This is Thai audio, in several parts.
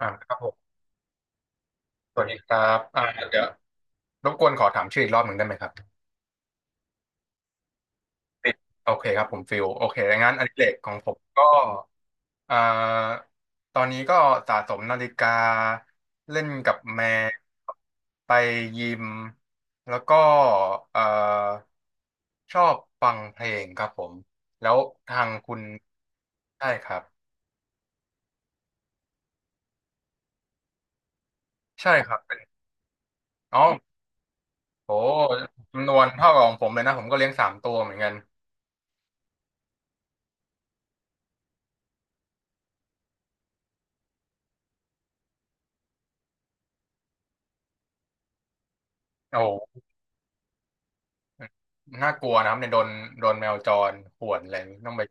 อ่าครับผมสวัสดีครับเดี๋ยวรบกวนขอถามชื่ออีกรอบหนึ่งได้ไหมครับฟิลโอเคครับผมฟิลโอเคงั้นอดิเรกของผมก็อ่าตอนนี้ก็สะสมนาฬิกาเล่นกับแมวไปยิมแล้วก็เอ่อชอบฟังเพลงครับผมแล้วทางคุณใช่ครับใช่ครับเป็นอ๋อโหจำนวนเท่ากับของผมเลยนะผมก็เลี้ยงสามตัวเหมือนกันโอ้โห น่ากลัวนะครับเนี่ยโดนแมวจรข่วนอะไรนี่ต้องไป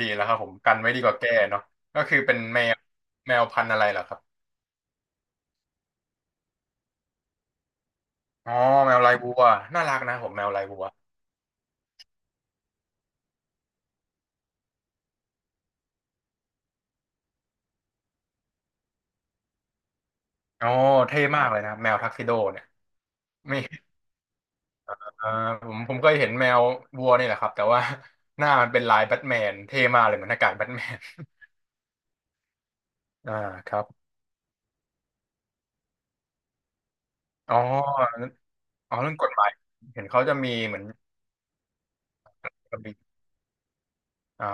ดีแล้วครับผมกันไว้ดีกว่าแก้เนาะก็คือเป็นแมวพันธุ์อะไรเหรอครับอ๋อแมวลายบัวน่ารักนะผมแมวลายบัวอ๋อเท่มากเลยนะครับแมวทักซิโดเนี่ยไม่เออผมเคยเห็นแมวบัวนี่แหละครับแต่ว่า หน้ามันเป็นลายแบทแมนเท่มากเลยเหมือนหน้ากากแบทแมนอ่าครับอ๋ออ๋อเรื่องกฎหมายเห็นเขาจะมีเหมือนระเบียบอ่า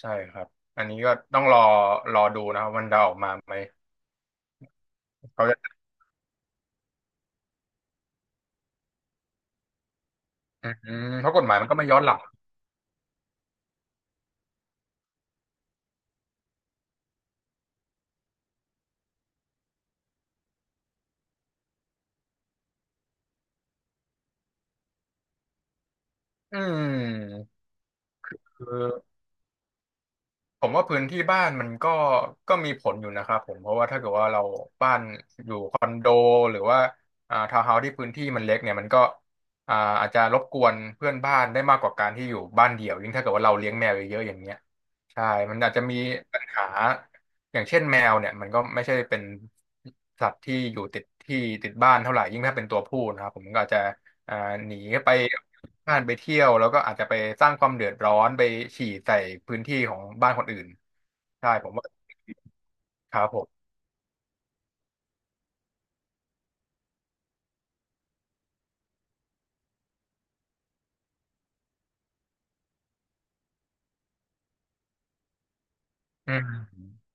ใช่ครับอันนี้ก็ต้องรอดูนะครับมันจะออกมาไหม เขาจะอืเพราะกฎหมายมันก็ไม่ย้อนหลังอืมคือผมว่าพื้นที่บ้านมันก็มีผลอยู่นะครับผมเพราะว่าถ้าเกิดว่าเราบ้านอยู่คอนโดหรือว่าทาวน์เฮาส์ที่พื้นที่มันเล็กเนี่ยมันก็อ่าอาจจะรบกวนเพื่อนบ้านได้มากกว่าการที่อยู่บ้านเดี่ยวยิ่งถ้าเกิดว่าเราเลี้ยงแมวเยอะๆอย่างเงี้ยใช่มันอาจจะมีปัญหาอย่างเช่นแมวเนี่ยมันก็ไม่ใช่เป็นสัตว์ที่อยู่ติดที่ติดบ้านเท่าไหร่ยิ่งถ้าเป็นตัวผู้นะครับผมก็อาจจะ อ่าหนีไปบ้านไปเที่ยวแล้วก็อาจจะไปสร้างความเดือดร้อนไปฉี่ใส่พื้นที่ของบ้านคนอื่นใช่ผมว่าครับผมอืม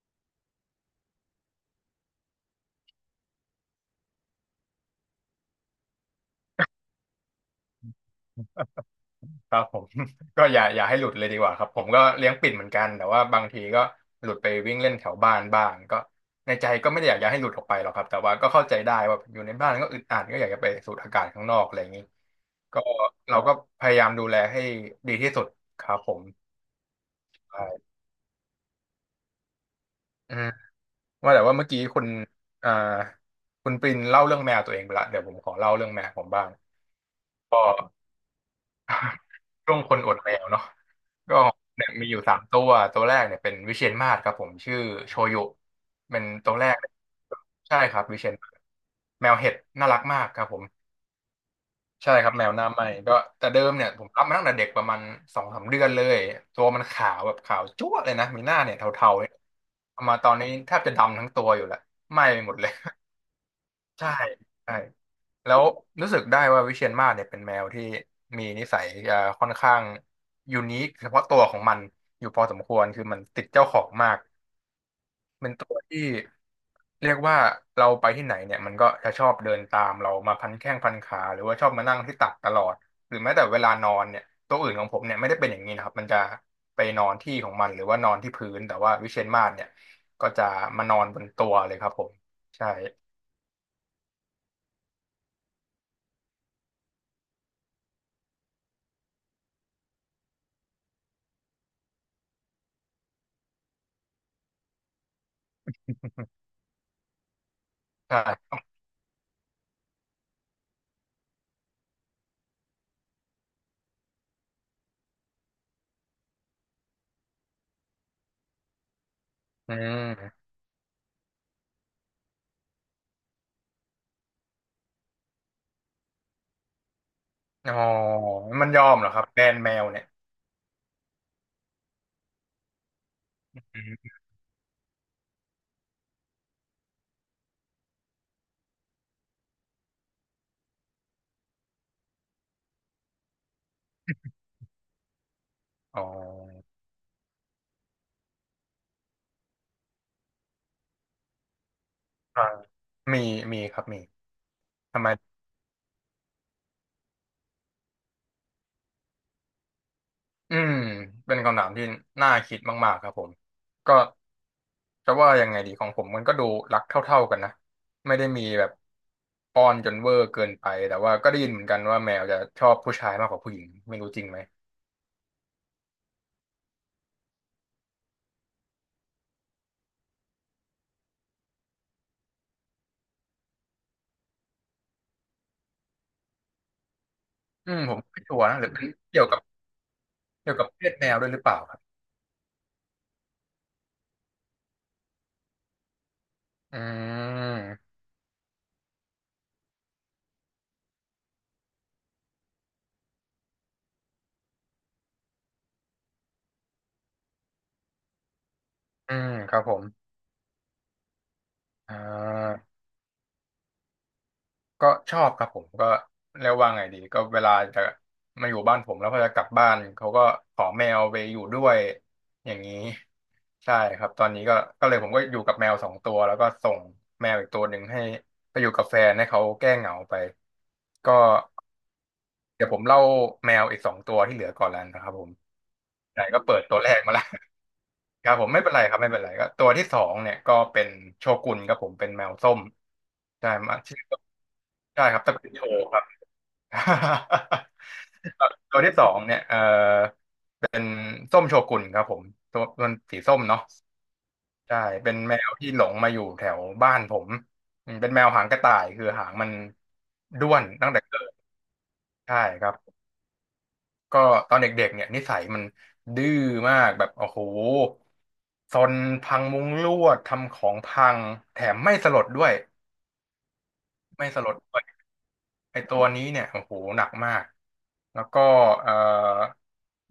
ครับผม ก็อย่าให้หลุดเลยดีกว่าครับผมก็เลี้ยงปิ่นเหมือนกันแต่ว่าบางทีก็หลุดไปวิ่งเล่นแถวบ้านบ้างก็ในใจก็ไม่ได้อยากจะให้หลุดออกไปหรอกครับแต่ว่าก็เข้าใจได้ว่าอยู่ในบ้านก็อึดอัดก็อยากจะไปสูดอากาศข้างนอกอะไรอย่างนี้ก็เราก็พยายามดูแลให้ดีที่สุดครับผมใช่อืม ว่าแต่ว่าเมื่อกี้อ่าคุณปรินเล่าเรื่องแมวตัวเองไปละเดี๋ยวผมขอเล่าเรื่องแมวผมบ้างก็ ช่วงคนอดแมวเนาะก็เนี่ยมีอยู่สามตัวตัวแรกเนี่ยเป็นวิเชียรมาศครับผมชื่อโชยุเป็นตัวแรกเลยใช่ครับวิเชียรมาศแมวเห็ดน่ารักมากครับผมใช่ครับแมวหน้าไหม่ก็แต่เดิมเนี่ยผมรับมาตั้งแต่เด็กประมาณสองสามเดือนเลยตัวมันขาวแบบขาวจั๊วะเลยนะมีหน้าเนี่ยเทาๆเอามาตอนนี้แทบจะดำทั้งตัวอยู่แล้วไหม้ไปหมดเลย ใช่ใช่แล้วรู้สึกได้ว่าวิเชียรมาศเนี่ยเป็นแมวที่มีนิสัยจะค่อนข้างยูนิคเฉพาะตัวของมันอยู่พอสมควรคือมันติดเจ้าของมากเป็นตัวที่เรียกว่าเราไปที่ไหนเนี่ยมันก็จะชอบเดินตามเรามาพันแข้งพันขาหรือว่าชอบมานั่งที่ตักตลอดหรือแม้แต่เวลานอนเนี่ยตัวอื่นของผมเนี่ยไม่ได้เป็นอย่างนี้นะครับมันจะไปนอนที่ของมันหรือว่านอนที่พื้นแต่ว่าวิเชียรมาศเนี่ยก็จะมานอนบนตัวเลยครับผมใช่ใช่อืม อ๋อมันยอมเหรอครับแบรนด์แมวเนี่ยอืมอ๋ออ่ามีมีครับมี ทำไมอืมเป็นคำถามที่น่าคิดมากๆครับผมก็จะว่ายังไงดีของผมมันก็ดูรักเท่าๆกันนะ ไม่ได้มีแบบป้อนจนเวอร์เกินไป แต่ว่าก็ได้ยินเหมือนกันว่าแมวจะชอบผู้ชายมากกว่าผู้หญิงไม่รู้จริงไหมผมไม่ชัวร์นะหรือเป็นเกี่ยวกับเพศแมวด้วยหรือเปล่าครับอืมอืมครับผมอ่า ก็ชอบครับผมก็เรียกว่าไงดีก็เวลาจะมาอยู่บ้านผมแล้วพอจะกลับบ้านเขาก็ขอแมวไปอยู่ด้วยอย่างนี้ใช่ครับตอนนี้ก็เลยผมก็อยู่กับแมวสองตัวแล้วก็ส่งแมวอีกตัวหนึ่งให้ไปอยู่กับแฟนให้เขาแก้เหงาไปก็เดี๋ยวผมเล่าแมวอีกสองตัวที่เหลือก่อนแล้วนะครับผมไหนก็เปิดตัวแรกมาแล้วครับผมไม่เป็นไรครับไม่เป็นไรก็ตัวที่สองเนี่ยก็เป็นโชกุนครับผมเป็นแมวส้มใช่มาชื่อใช่ครับตระกูลโช ตัวที่สองเนี่ยเป็นส้มโชกุนครับผมตัวมันสีส้มเนาะใช่เป็นแมวที่หลงมาอยู่แถวบ้านผมอืมเป็นแมวหางกระต่ายคือหางมันด้วนตั้งแต่เกิดใช่ครับก็ตอนเด็กๆเนี่ยนิสัยมันดื้อมากแบบโอ้โหซนพังมุ้งลวดทำของพังแถมไม่สลดด้วยไม่สลดด้วย ไอตัวนี้เนี่ยโอ้โหหนักมากแล้วก็เอ่อ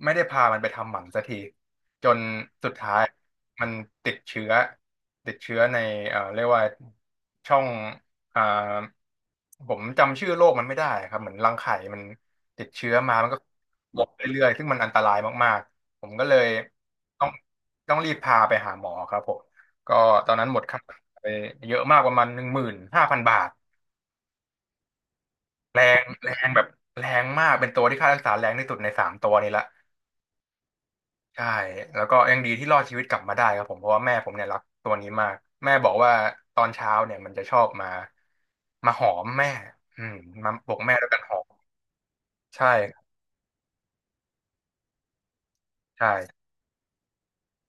ไม่ได้พามันไปทำหมันสักทีจนสุดท้ายมันติดเชื้อติดเชื้อในเรียกว่าช่องอ่าผมจำชื่อโรคมันไม่ได้ครับเหมือนรังไข่มันติดเชื้อมามันก็บมกเรื่อยๆซึ่งมันอันตรายมากๆผมก็เลยต้องต้องรีบพาไปหาหมอครับผมก็ตอนนั้นหมดค่ารักษาไปเยอะมากประมาณ15,000 บาท แรงแรงแบบแรงมากเป็นตัวที่ค่ารักษาแรงที่สุดใน3 ตัวนี้ละใช่แล้วก็ยังดีที่รอดชีวิตกลับมาได้ครับผมเพราะว่าแม่ผมเนี่ยรักตัวนี้มากแม่บอกว่าตอนเช้าเนี่ยมันจะชอบมามาหอมแม่อืมมาปลุกแม่ด้วยกันหอมใช่ครับใช่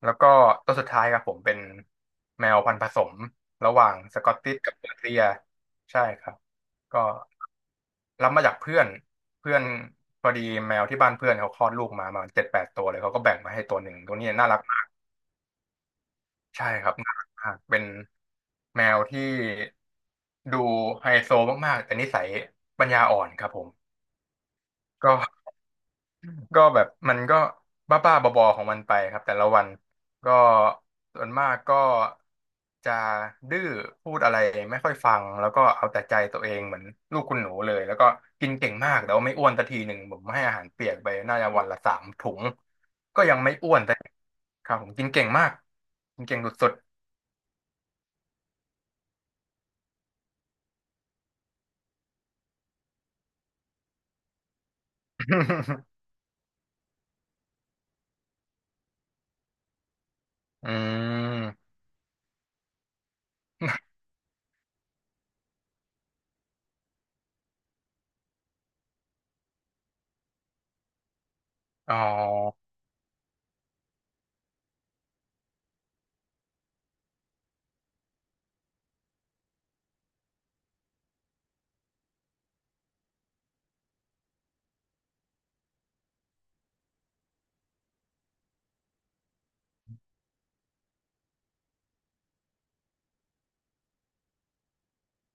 แล้วก็ตัวสุดท้ายครับผมเป็นแมวพันธุ์ผสมระหว่างสกอตติชกับเปอร์เซียใช่ครับก็ รับมาจากเพื่อนเพื่อนพอดีแมวที่บ้านเพื่อนเขาคลอดลูกมาประมาณ7-8 ตัวเลยเขาก็แบ่งมาให้ตัวหนึ่งตัวนี้น่ารักมากใช่ครับน่ารักมากเป็นแมวที่ดูไฮโซมากๆแต่นิสัยปัญญาอ่อนครับผมก็ ก็แบบมันก็บ้าๆบอๆของมันไปครับแต่ละวันก็ส่วนมากก็จะดื้อพูดอะไรไม่ค่อยฟังแล้วก็เอาแต่ใจตัวเองเหมือนลูกคุณหนูเลยแล้วก็กินเก่งมากแต่ว่าไม่อ้วนสักทีหนึ่งผมให้อาหารเปียกไปน่าจะวันละ3 ถุงก็ยังไม่อ้วนสักทีครับผมกินเก่งมากกินเก่งสุดๆ อืม อ๋อ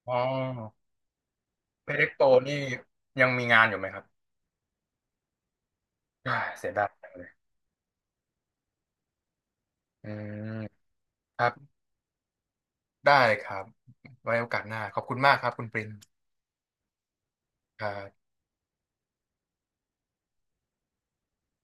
อ๋อเพเล็กโตนี่ยังมีงานอยู่ไหมครับอ่าเสียดายอืมครับ ได้ครับไว้โอกาสหน้าขอบคุณมากครับคุณปรินครับ